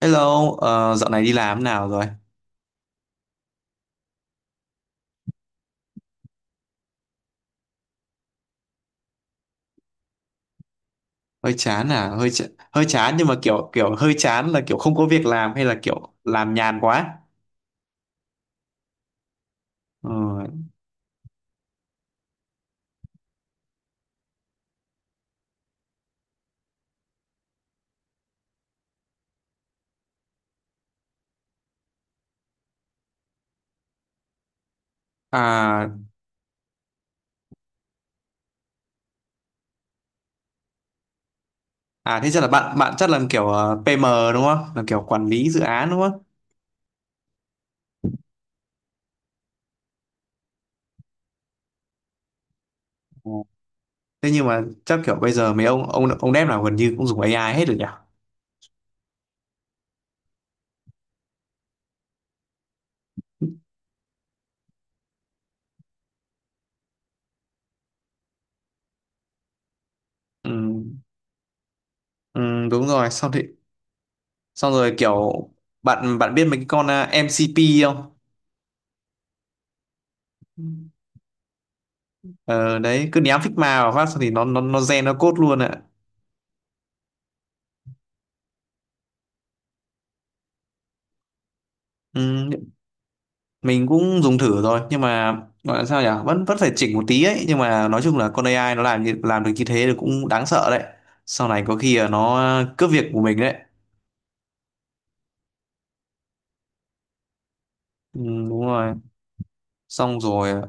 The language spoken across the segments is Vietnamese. Hello, dạo này đi làm thế nào rồi? Hơi chán à? Hơi chán nhưng mà kiểu kiểu hơi chán là kiểu không có việc làm hay là kiểu làm nhàn quá? Ừ. À à, thế chắc là bạn bạn chắc làm kiểu PM đúng không? Làm kiểu quản lý dự án đúng không? Ừ. Thế nhưng mà chắc kiểu bây giờ mấy ông dev nào gần như cũng dùng AI hết rồi nhỉ? Ừ. Ừ, đúng rồi, xong thì xong rồi kiểu bạn bạn biết mấy cái con MCP không? Ờ đấy cứ ném Figma vào phát xong thì nó gen nó code luôn ạ. Ừ, mình cũng dùng thử rồi nhưng mà gọi là sao nhỉ, vẫn vẫn phải chỉnh một tí ấy, nhưng mà nói chung là con AI nó làm được như thế thì cũng đáng sợ đấy, sau này có khi là nó cướp việc của mình đấy. Ừ, đúng rồi, xong rồi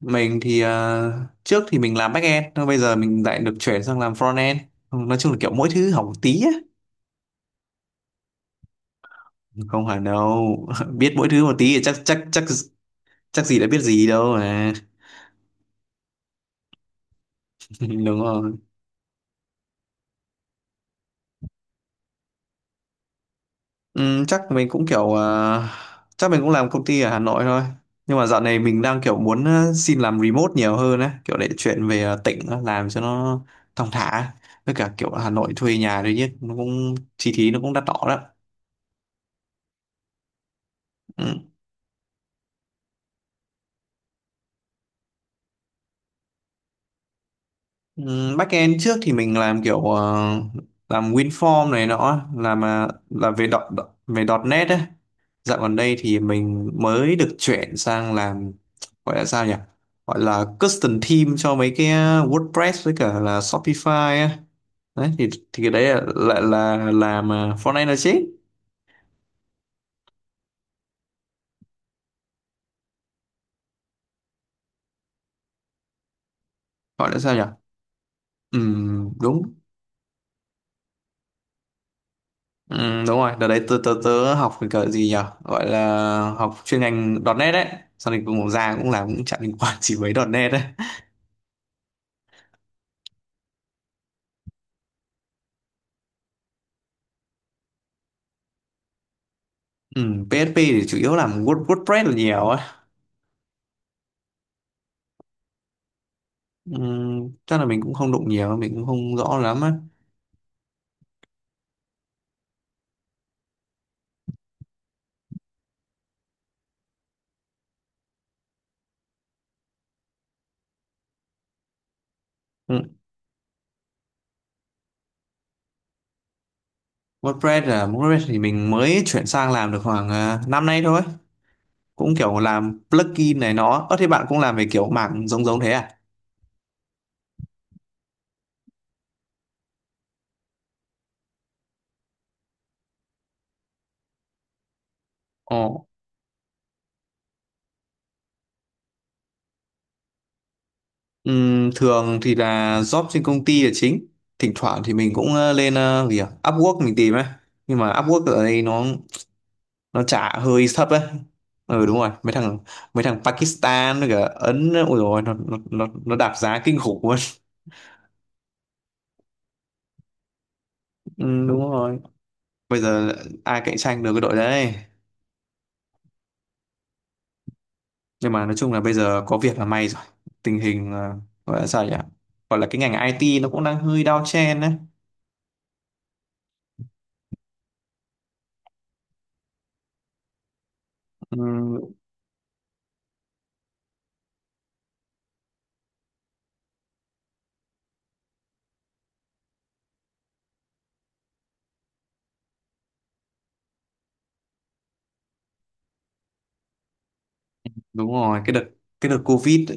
mình thì trước thì mình làm backend nhưng bây giờ mình lại được chuyển sang làm frontend. Ừ, nói chung là kiểu mỗi thứ học một tí á. Không hẳn đâu, biết mỗi thứ một tí thì chắc chắc gì đã biết gì đâu mà. Đúng rồi. Ừ, chắc mình cũng kiểu chắc mình cũng làm công ty ở Hà Nội thôi, nhưng mà dạo này mình đang kiểu muốn xin làm remote nhiều hơn ấy, kiểu để chuyển về tỉnh á, làm cho nó thong thả. Với cả kiểu Hà Nội thuê nhà đấy chứ nó cũng chi phí nó cũng đắt đỏ lắm. Ừ. Backend trước thì mình làm kiểu làm WinForm này nọ, làm về .dot .net ấy. Dạo gần đây thì mình mới được chuyển sang làm, gọi là sao nhỉ? Gọi là custom theme cho mấy cái WordPress với cả là Shopify ấy. Đấy thì cái đấy là làm front end là chính. Gọi là sao nhỉ? Đúng. Ừ, đúng rồi, đợt đấy tớ học cái cỡ gì nhỉ? Gọi là học chuyên ngành .chấm nét đấy. Xong thì cũng ra cũng làm cũng chẳng liên quan gì mấy nét đấy. Ừ, PHP thì chủ yếu làm WordPress là nhiều ấy. Ừ, chắc là mình cũng không đụng nhiều, mình cũng không rõ lắm ấy. Ừ, WordPress thì mình mới chuyển sang làm được khoảng năm nay thôi. Cũng kiểu làm plugin này nó. Ơ thế bạn cũng làm về kiểu mảng giống giống thế à? Ồ, ừm, thường thì là job trên công ty là chính, thỉnh thoảng thì mình cũng lên gì à? Upwork mình tìm ấy, nhưng mà Upwork ở đây nó trả hơi thấp ấy. Ừ đúng rồi, mấy thằng Pakistan với cả Ấn ôi rồi nó đạp giá kinh khủng luôn. Đúng rồi, bây giờ ai cạnh tranh được cái đội đấy. Nhưng mà nói chung là bây giờ có việc là may rồi. Tình hình gọi là sao nhỉ, gọi là cái ngành IT nó cũng đang hơi down trend đấy. Ừm, đúng rồi, cái đợt Covid.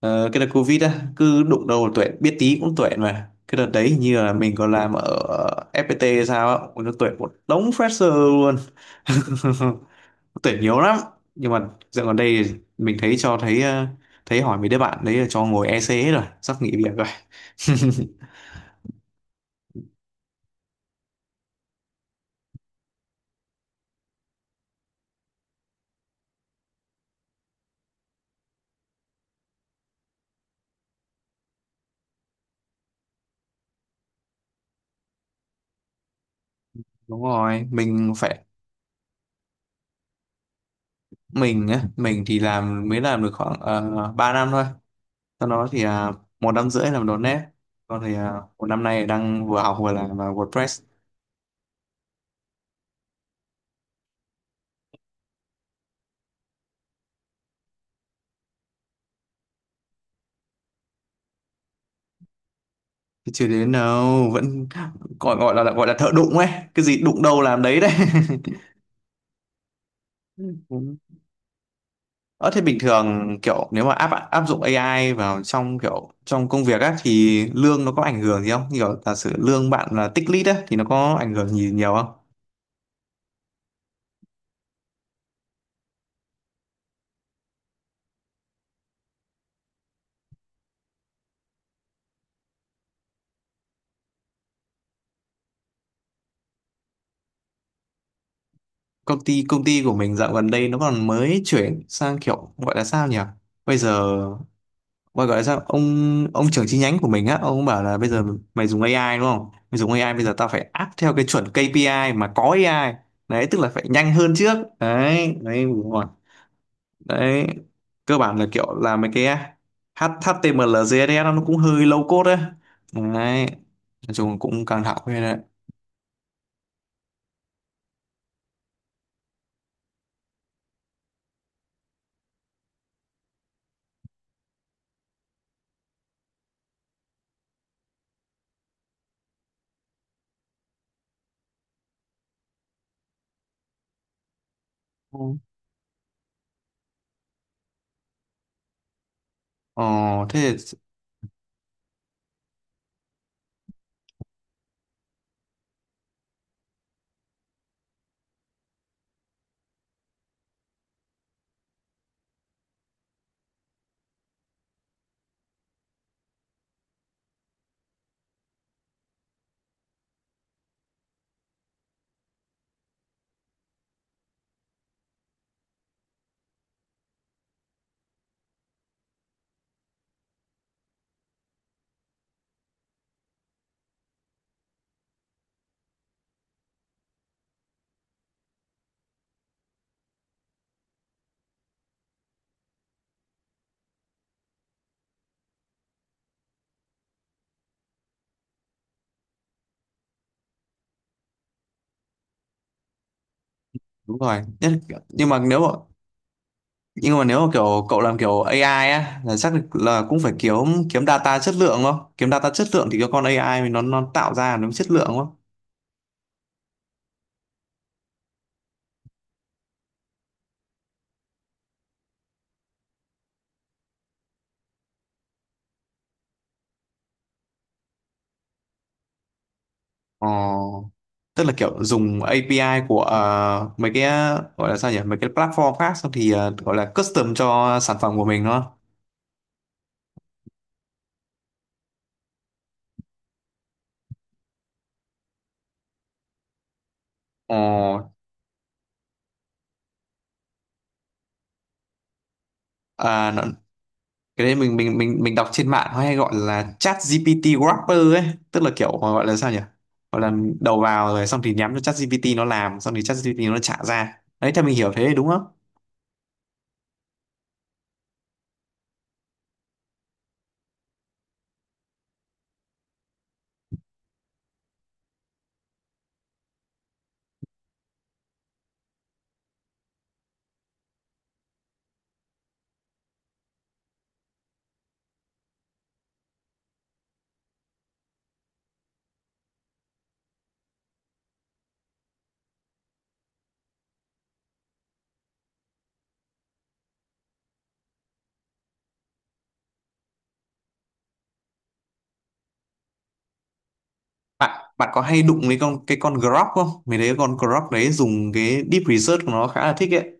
Ờ, cái đợt Covid á, cứ đụng đầu tuệ biết tí cũng tuệ mà. Cái đợt đấy hình như là mình còn làm ở FPT hay sao á, nó tuệ một đống fresher luôn. Tuệ nhiều lắm. Nhưng mà dạo gần đây thì mình thấy thấy hỏi mấy đứa bạn đấy là cho ngồi EC hết rồi, sắp nghỉ việc rồi. Đúng rồi, mình phải, mình thì mới làm được khoảng 3 năm thôi. Sau đó thì à, một năm rưỡi làm .NET. Còn thì à, một năm nay đang vừa học vừa làm à, WordPress. Chưa đến đâu, vẫn gọi gọi là thợ đụng ấy, cái gì đụng đâu làm đấy đấy. Đúng. Ờ thế bình thường kiểu nếu mà áp áp dụng AI vào trong kiểu trong công việc á thì lương nó có ảnh hưởng gì không? Như kiểu giả sử lương bạn là tích lũy á thì nó có ảnh hưởng gì nhiều không? Công ty của mình dạo gần đây nó còn mới chuyển sang kiểu gọi là sao nhỉ? Bây giờ Gọi gọi là sao ông trưởng chi nhánh của mình á, ông cũng bảo là bây giờ mày dùng AI đúng không, mày dùng AI bây giờ tao phải áp theo cái chuẩn KPI mà có AI đấy, tức là phải nhanh hơn trước. Đấy đấy đúng rồi. Đấy cơ bản là kiểu là mấy cái HTML CSS nó cũng hơi low code đấy đấy, nói chung cũng căng thẳng phết đấy. Ừ. Ờ thế thì- đúng rồi. Nhất- nhưng mà nếu mà, nhưng mà nếu mà kiểu cậu làm kiểu AI á là chắc là cũng phải kiếm kiếm data chất lượng đúng không, kiếm data chất lượng thì cái con AI mình nó tạo ra nó mới chất lượng đúng không. Ờ, tức là kiểu dùng API của mấy cái gọi là sao nhỉ, mấy cái platform khác xong thì gọi là custom cho sản phẩm của mình đúng không. Ờ, à, cái đấy mình đọc trên mạng nó hay gọi là chat GPT wrapper ấy, tức là kiểu gọi là sao nhỉ, gọi là đầu vào rồi xong thì nhắm cho chat GPT nó làm, xong thì chat GPT nó trả ra đấy, theo mình hiểu thế đúng không. Bạn bạn có hay đụng với con Grok không? Mình thấy con Grok đấy dùng cái deep research của nó khá là thích ấy.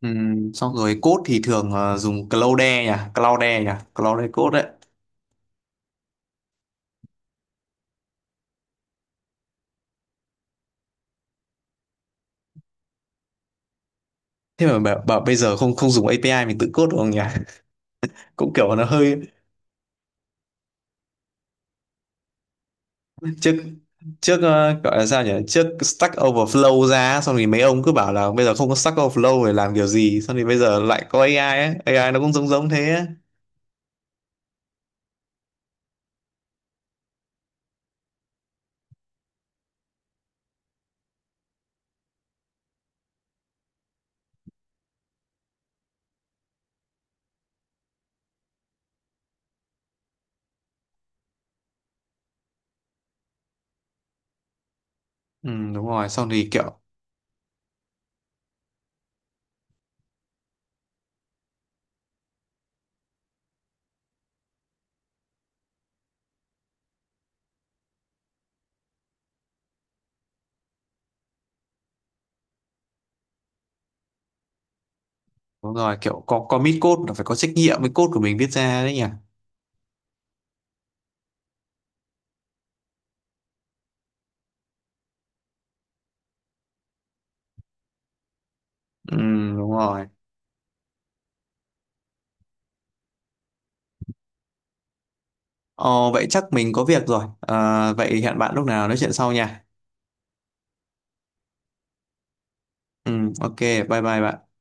Xong rồi code thì thường dùng Claude nhỉ, Claude code đấy. Thế mà bảo bây giờ không không dùng API mình tự code được không nhỉ? Cũng kiểu nó hơi trước trước gọi là sao nhỉ, trước Stack Overflow ra xong thì mấy ông cứ bảo là bây giờ không có Stack Overflow để làm kiểu gì, xong thì bây giờ lại có AI ấy. AI nó cũng giống giống thế ấy. Ừ, đúng rồi, xong thì kiểu đúng rồi, kiểu có commit code là phải có trách nhiệm với code của mình viết ra đấy nhỉ. Ừ, đúng rồi. Ờ, vậy chắc mình có việc rồi. Ờ, vậy hẹn bạn lúc nào nói chuyện sau nha. Ừ, ok, bye bye bạn.